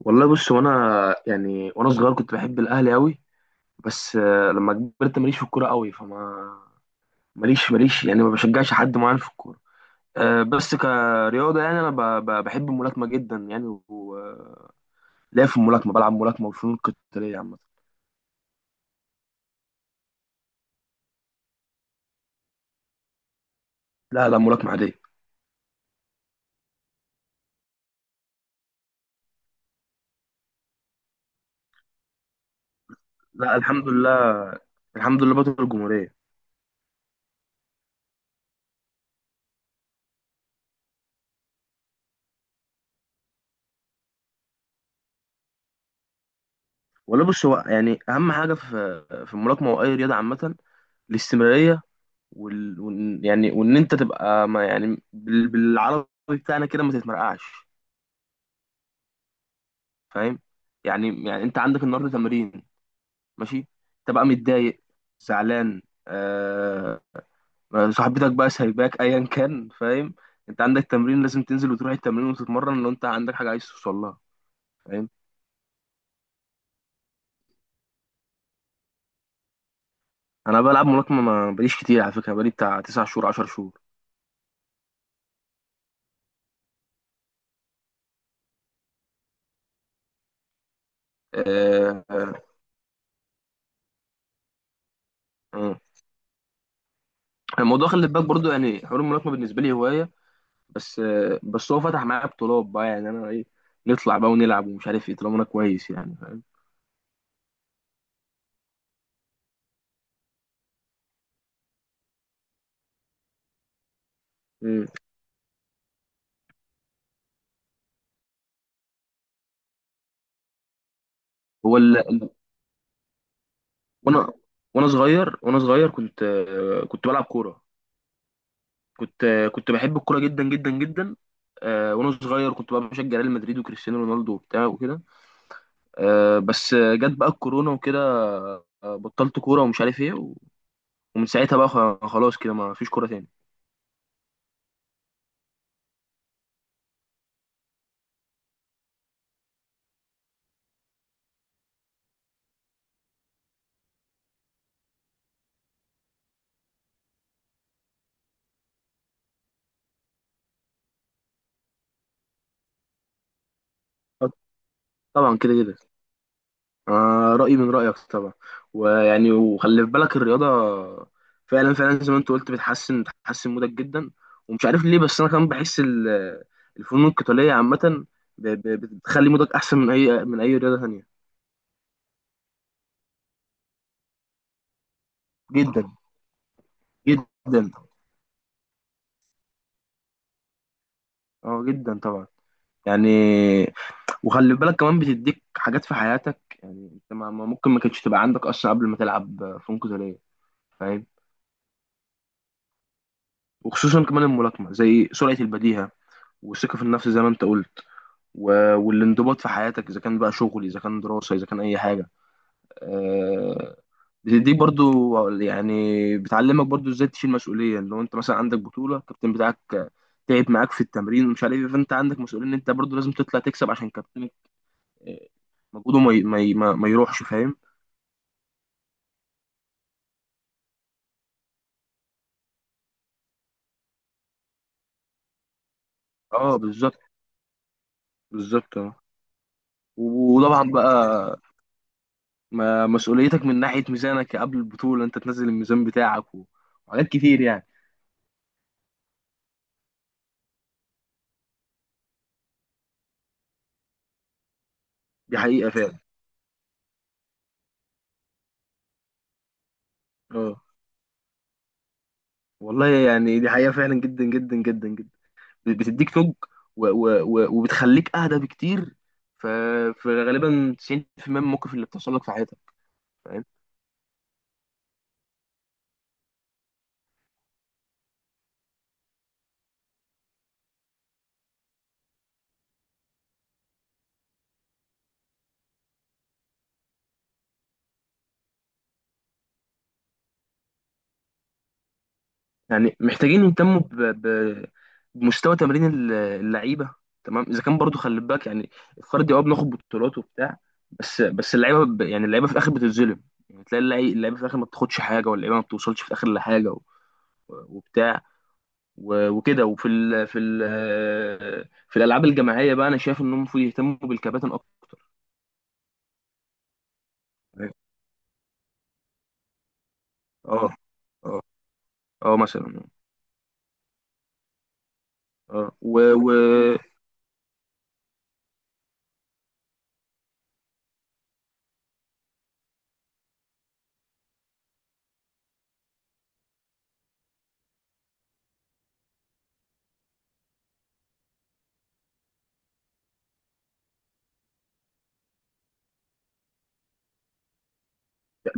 والله بص، وانا يعني وانا صغير كنت بحب الاهلي قوي. بس، لما كبرت ماليش في الكوره قوي، فما ماليش يعني ما بشجعش حد معين في الكوره. بس كرياضه، يعني انا بحب الملاكمه جدا، يعني وليا في الملاكمه، بلعب ملاكمه وفنون قتاليه عامه. لا، لا، ملاكمه عاديه. لا، الحمد لله. الحمد لله، بطل الجمهوريه. والله بص، هو يعني اهم حاجه في الملاكمه واي رياضه عامه الاستمراريه. يعني وان انت تبقى، ما يعني، بالعربي بتاعنا كده، ما تتمرقعش. فاهم. يعني انت عندك النهارده تمرين. ماشي. تبقى متضايق، زعلان، آه... صاحبتك بقى سايباك، ايا كان، فاهم. انت عندك تمرين لازم تنزل وتروح التمرين وتتمرن لو انت عندك حاجه عايز توصل لها. فاهم. انا بلعب ملاكمه ما بقاليش كتير، على فكره بقالي بتاع 9 شهور، 10 شهور. آه. آه. آه. الموضوع، خلي بالك برضو، يعني حوار الملاكمه بالنسبه لي هوايه بس. بس هو فتح معايا بطولات، بقى يعني انا ايه، نطلع بقى ونلعب، ومش عارف ايه طالما انا كويس يعني. فاهم. مم. هو ال... ال- وانا وانا صغير كنت بلعب كوره. كنت بحب الكوره جدا جدا جدا. وانا صغير كنت بقى بشجع ريال مدريد وكريستيانو رونالدو وبتاع وكده. بس، جت بقى الكورونا وكده. بطلت كوره ومش عارف ايه ومن ساعتها بقى، خلاص كده ما فيش كوره تاني. طبعا كده كده. آه، رأيي من رأيك طبعا. ويعني وخلي في بالك الرياضة فعلا فعلا، زي ما انت قلت، بتحسن مودك جدا. ومش عارف ليه، بس انا كمان بحس الفنون القتالية عامة بتخلي مودك احسن من اي رياضة تانية. جدا. جدا. اه، جدا طبعا. يعني وخلي بالك كمان بتديك حاجات في حياتك، يعني انت ممكن ما كانتش تبقى عندك اصلا قبل ما تلعب فنون قتالية. فاهم. وخصوصا كمان الملاكمة، زي سرعة البديهة، والثقة في النفس زي ما انت قلت، والانضباط في حياتك، اذا كان بقى شغل، اذا كان دراسه، اذا كان اي حاجه. آه، دي برضو يعني بتعلمك برضو ازاي تشيل مسؤوليه. لو انت مثلا عندك بطوله، الكابتن بتاعك تعب معاك في التمرين، ومش عارف ايه، فانت عندك مسؤوليه ان انت برضو لازم تطلع تكسب عشان كابتنك، آه، مجهوده ما ي- ما ي- ما ما يروحش. فاهم. اه، بالظبط. بالظبط. آه. وطبعا بقى مسؤوليتك من ناحيه ميزانك، قبل البطوله انت تنزل الميزان بتاعك، وحاجات كتير يعني. دي حقيقه فعلا. اه. والله يعني دي حقيقة فعلا، جدا جدا جدا جدا. بتديك توج، وبتخليك أهدى بكتير. ف... فغالبا 90% من المواقف اللي بتحصل لك في حياتك. فاهم. يعني محتاجين يهتموا بمستوى تمرين اللعيبة. تمام، إذا كان برضو خلي بالك، يعني الفردي، بناخد بطولات وبتاع. بس اللعيبة، يعني اللعيبة في الآخر بتتظلم. يعني تلاقي اللعيبة في الآخر ما بتاخدش حاجة، واللعيبة ما بتوصلش في الآخر لحاجة، وبتاع وكده. وفي ال في ال في الالعاب الجماعيه بقى، انا شايف انهم المفروض يهتموا بالكباتن اكتر. اه. اه. اه، مثلا. اه، و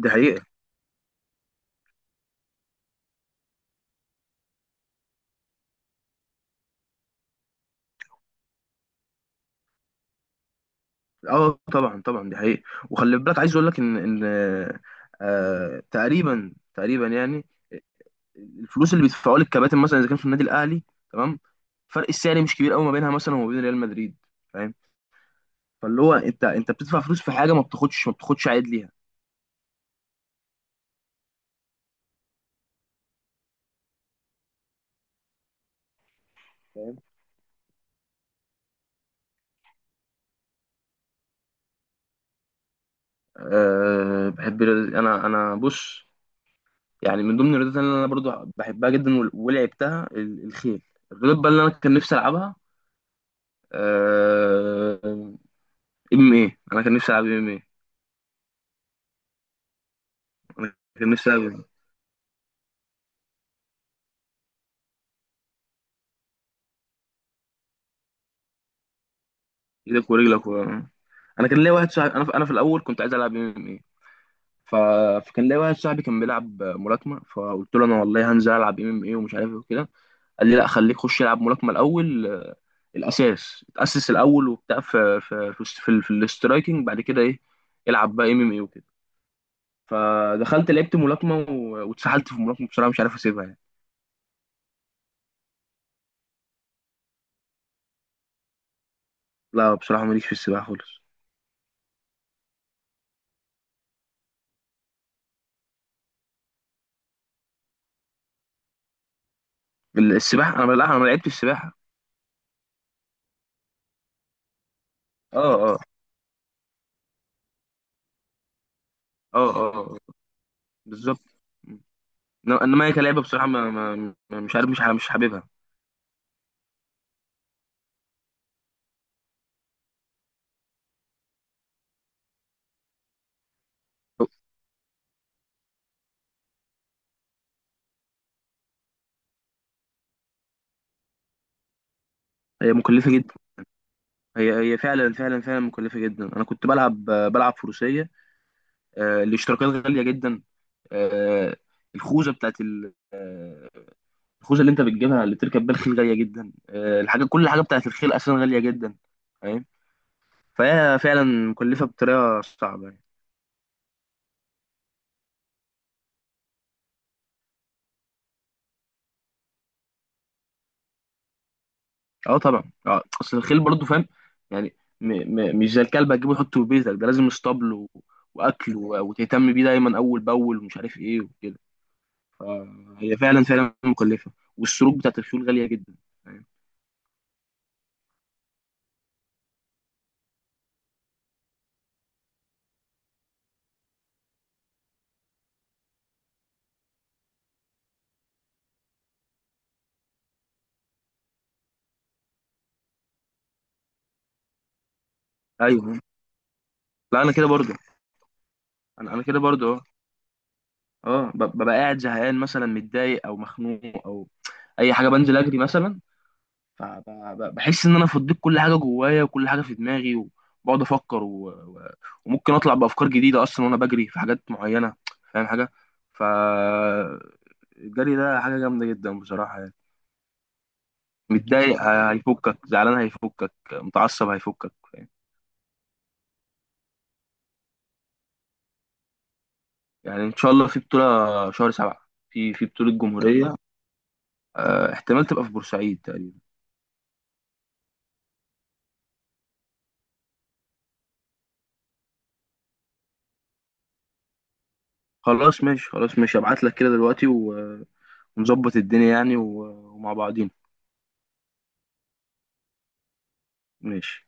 دي حقيقه. اه، طبعا طبعا، دي حقيقه. وخلي بالك، عايز اقول لك ان، ان تقريبا تقريبا، يعني الفلوس اللي بيدفعوها للكباتن مثلا، اذا كان في النادي الاهلي، تمام، فرق السعر مش كبير قوي ما بينها مثلا، وما بين ريال مدريد. فاهم. فاللي هو، انت بتدفع فلوس في حاجه، ما بتاخدش عائد ليها. بحب رياضة، أنا بص، يعني من ضمن الرياضات اللي أنا برضو بحبها جدا ولعبتها، الخيل. الرياضة بقى اللي أنا كان نفسي ألعبها، أه، ام ايه. أنا كان نفسي ألعب ام ايه. أنا كان نفسي ألعب. إيدك ورجلك أنا كان ليا واحد صاحبي. أنا في الأول كنت عايز ألعب ام ايه. ف... فكان ليا واحد صاحبي كان بيلعب ملاكمة، فقلت له أنا والله هنزل ألعب ام ام ايه ومش عارف إيه وكده. قال لي لا، خليك خش العب ملاكمه الاول. الاساس اتاسس الاول وبتاع في في الاسترايكنج، بعد كده ايه، العب بقى ام ام اي وكده. فدخلت لعبت ملاكمه واتسحلت في الملاكمه، بصراحه مش عارف اسيبها يعني. لا، بصراحه ماليش في السباحه خالص. السباحه انا، لا انا ما لعبتش السباحه. اه. اه. اه. اه. آه. بالظبط. انما هي كلعبه بصراحه، مش عارف، مش حاببها. هي مكلفه جدا. هي فعلا فعلا فعلا مكلفه جدا. انا كنت بلعب فروسيه. الاشتراكات غالية جدا. آه، الخوذة بتاعت ال- آه، الخوذة اللي انت بتجيبها اللي بتركب بيها الخيل غالية جدا. كل حاجة بتاعت الخيل أساسا غالية جدا. فاهم. فهي فعلا مكلفة بطريقة صعبة يعني. اه، طبعا. اه، اصل الخيل برضه، فاهم، يعني م مش زي الكلب هتجيبه تحطه في بيتك، ده لازم اسطبل واكل، وتهتم بيه دايما اول باول، ومش عارف ايه وكده. فهي فعلا فعلا مكلفة. والسروج بتاعت الخيول غالية جدا. فاهم؟ ايوه. لا، انا كده برضه. انا كده برضه. اه، ببقى قاعد زهقان مثلا، متضايق او مخنوق، او اي حاجه بنزل اجري مثلا. فبحس ان انا فضيت كل حاجه جوايا، وكل حاجه في دماغي، وبقعد افكر، وممكن اطلع بافكار جديده اصلا وانا بجري في حاجات معينه. فاهم حاجه. ف الجري ده حاجه جامده جدا بصراحه يعني. متضايق هيفكك، زعلان هيفكك، متعصب هيفكك، فاهم. يعني ان شاء الله في بطوله شهر سبعة، في بطوله جمهوريه. احتمال تبقى في بورسعيد تقريبا. خلاص ماشي، خلاص ماشي، ابعت لك كده دلوقتي ونظبط الدنيا يعني، ومع بعضين. ماشي.